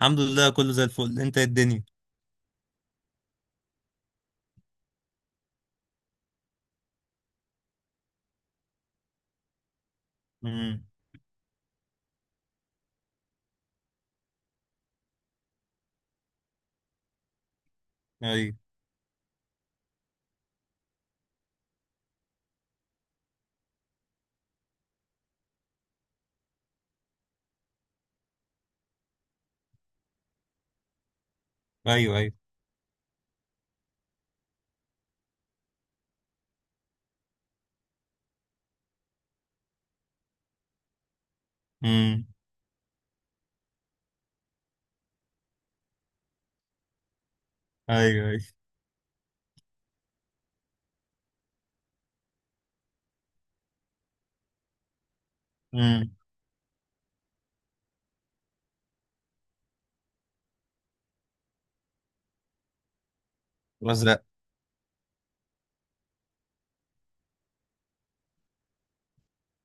الحمد لله، كله زي الفل. انت إيه الدنيا؟ امم. ايوه، ايوه. ايوه. امم. ايوه، ايوه. امم. الازرق.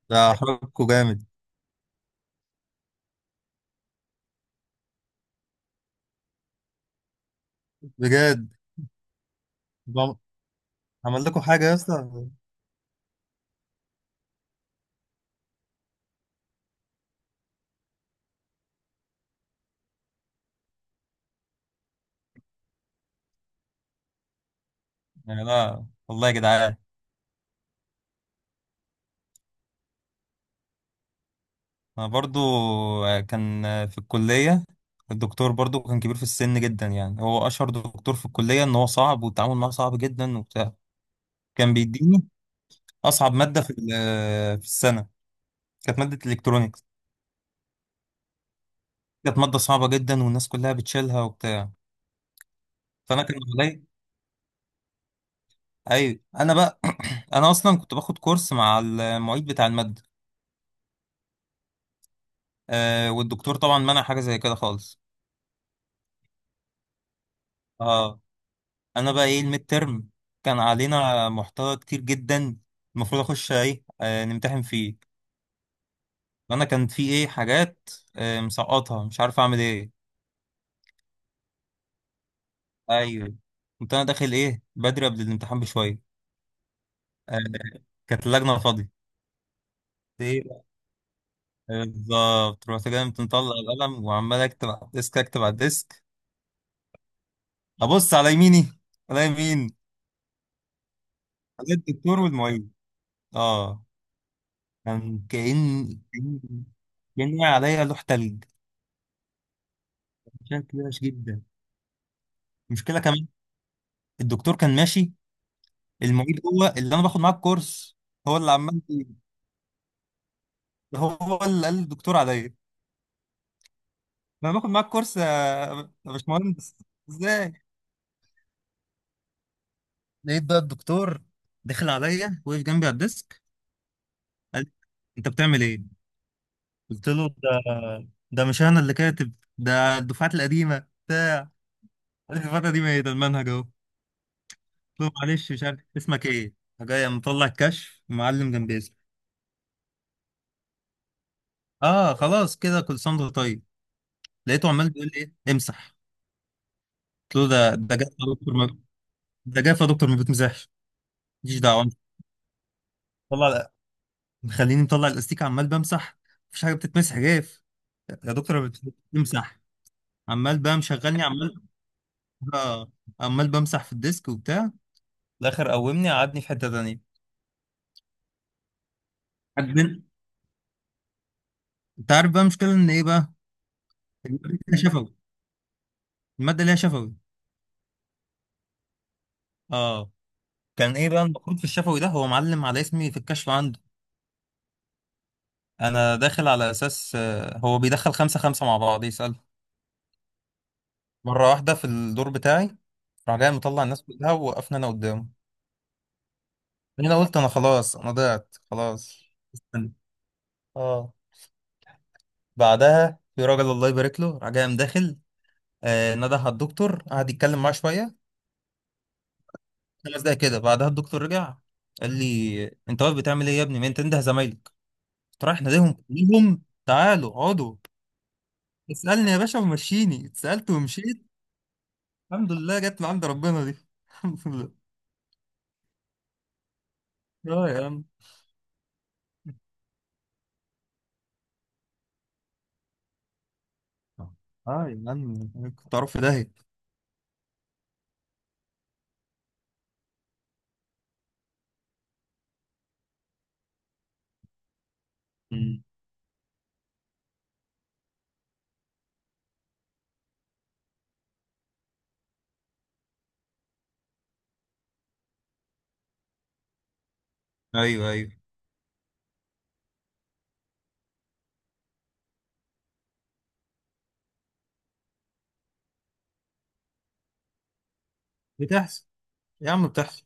ده حركه جامد. بجد. بم- عمل لكم حاجه يا اسطى؟ يعني لا والله يا جدعان. انا برضو، كان في الكليه. الدكتور برضو كان كبير في السن جدا، يعني هو اشهر دكتور في الكليه، ان هو صعب والتعامل معاه صعب جدا وبتاع. كان بيديني اصعب ماده في في السنه. كانت ماده الكترونيكس. كانت ماده صعبه جدا والناس كلها بتشيلها وبتاع. فانا كان عليا. ايوه انا بقى. انا اصلا كنت باخد كورس مع المعيد بتاع الماده. والدكتور طبعا منع حاجه زي كده خالص. اه، انا بقى ايه الميد ترم. كان علينا محتوى كتير جدا، المفروض اخش ايه نمتحن فيه. وانا كان في ايه حاجات مسقطها، مش عارف اعمل ايه. ايوه. كنت انا داخل ايه بدري قبل الامتحان بشويه. آه كانت اللجنه فاضيه. ايه بقى؟ بالظبط، رحت جاي مطلع القلم وعمال اكتب على الديسك، اكتب على الديسك. ابص على يميني، على يمين، عليا الدكتور والمعيد. اه. كان كأن كأن عليا لوح تلج. عشان كده وحش جدا. المشكلة كمان، الدكتور كان ماشي. المعيد هو اللي انا باخد معاه الكورس. هو اللي عمال هو اللي قال للدكتور عليا انا باخد معاه الكورس. يا باشمهندس، ازاي؟ لقيت بقى الدكتور دخل عليا، وقف جنبي على الديسك، قال لي، انت بتعمل ايه؟ قلت له، ده مش انا اللي كاتب، ده الدفعات القديمه. قال لي، الدفعات القديمه ايه؟ ده المنهج اهو. له، معلش، مش عارف اسمك ايه. جاي مطلع الكشف، معلم جنبي اسمي. اه، خلاص كده، كل سنه وأنت طيب. لقيته عمال بيقول لي، ايه؟ امسح. قلت له، ده جاف يا دكتور، ما ده جاف يا دكتور، ما بتمسحش. ماليش دعوه. طلع مخليني مطلع الاستيك عمال بمسح، مفيش حاجه بتتمسح، جاف يا دكتور ما بتمسح. عمال بقى مشغلني، آه، عمال بمسح في الديسك وبتاع. في الاخر قومني قعدني في حته تانيه. عجبني. انت عارف بقى المشكله ان ايه بقى؟ الماده ليها شفوي، الماده ليها شفوي. اه، كان ايه بقى، المفروض في الشفوي ده هو معلم على اسمي في الكشف عنده. انا داخل على اساس هو بيدخل خمسة خمسة مع بعض يسأل، مرة واحدة. في الدور بتاعي راح جاي مطلع الناس كلها، ووقفنا انا قدامه. هنا قلت، انا خلاص، انا ضعت خلاص. استنى. اه، بعدها في راجل الله يبارك له راح جاي داخل، نده على الدكتور، قعد يتكلم معاه شويه، 5 دقايق كده. بعدها الدكتور رجع، قال لي، انت واقف بتعمل ايه يا ابني؟ ما انت انده زمايلك. قلت، رايح ناديهم كلهم، تعالوا اقعدوا. اسألني يا باشا، ومشيني، اتسألت ومشيت. الحمد لله، جت من عند ربنا دي. الحمد لله. اه يا عم. اه يا عم، كنت اعرف في داهية. أمم. ايوه، ايوه، بتحصل يا عم، بتحصل.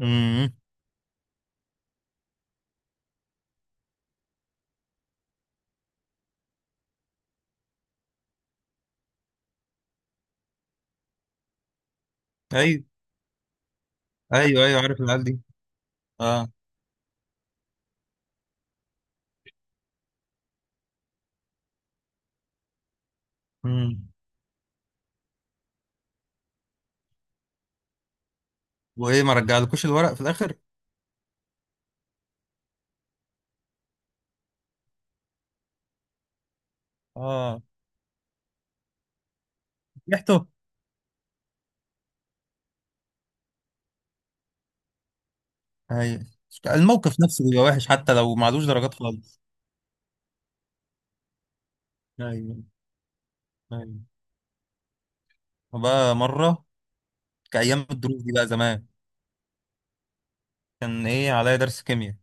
امم. ايوه، ايوه، ايوه، عارف العيال دي. اه. امم. وايه، ما رجعلكوش الورق في الاخر؟ اه، ريحته. ايوه. الموقف نفسه بيبقى وحش، حتى لو معلوش درجات خالص. ايوه، ايوه. وبقى مرة، كأيام الدروس دي بقى زمان، كان ايه عليا درس كيمياء.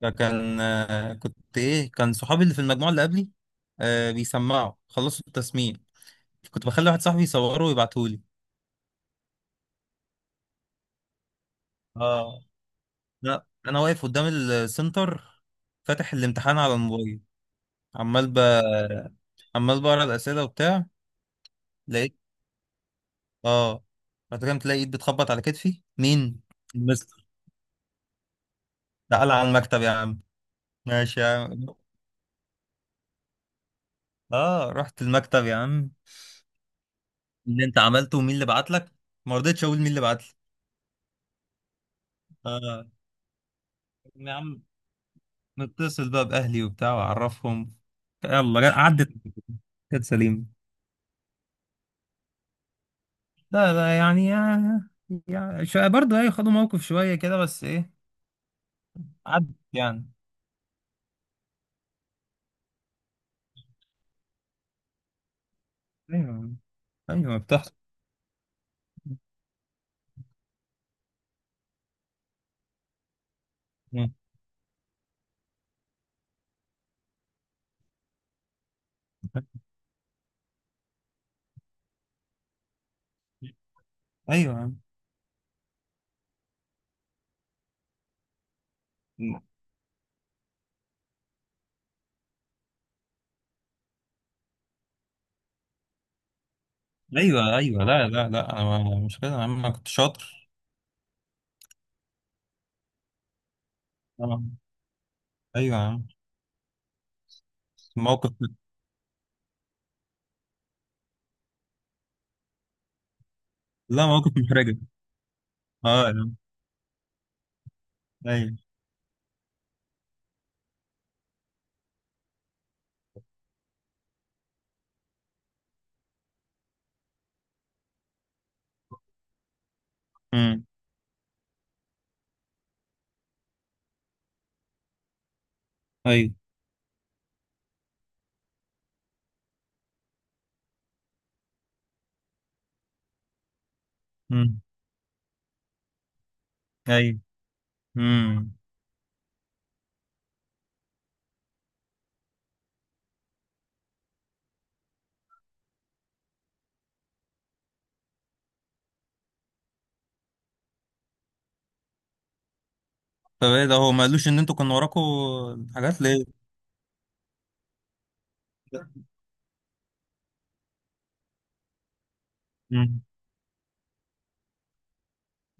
فكان آه، كنت ايه كان صحابي اللي في المجموعه اللي قبلي بيسمعوا، خلصوا التسميع. كنت بخلي واحد صاحبي يصوره ويبعتهولي. اه، لا، انا واقف قدام السنتر، فاتح الامتحان على الموبايل. عمال ب عمال بقرا الاسئله وبتاع. لقيت اه، بعد كده، تلاقي ايد بتخبط على كتفي. مين؟ المستر. تعالى على المكتب يا عم. ماشي يا عم. اه، رحت المكتب يا عم. اللي انت عملته، ومين اللي بعت لك؟ ما رضيتش اقول مين اللي بعت لي. اه يا عم، نتصل بقى بأهلي وبتاع وأعرفهم. يلا، عدت، كانت سليمة. لا لا يعني، يعني شوية برضه. أيوة، خدوا موقف شوية كده، بس إيه، عدت يعني. أيوة يا عم. أيوة، بتحصل. أيوة يا عم. أيوة، أيوة، لا لا لا، أنا مش كده يا عم، أنا كنت شاطر. أنا- أيوة يا عم. موقف، لا، موقف محرجة. أه يا عم. أيوة. أمم. أيوة. أمم. أيوة. أمم. طب إيه ده، هو ما قالوش إن أنتوا كنا وراكوا حاجات ليه؟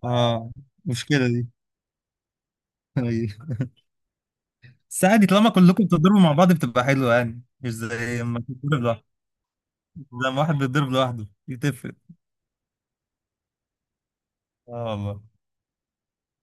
اه، مشكلة دي. أيوة. بس عادي، طالما كلكم بتضربوا مع بعض بتبقى حلوة، يعني مش زي لما تتضرب لوحده. زي لما واحد بيتضرب لوحده، دي تفرق. اه والله.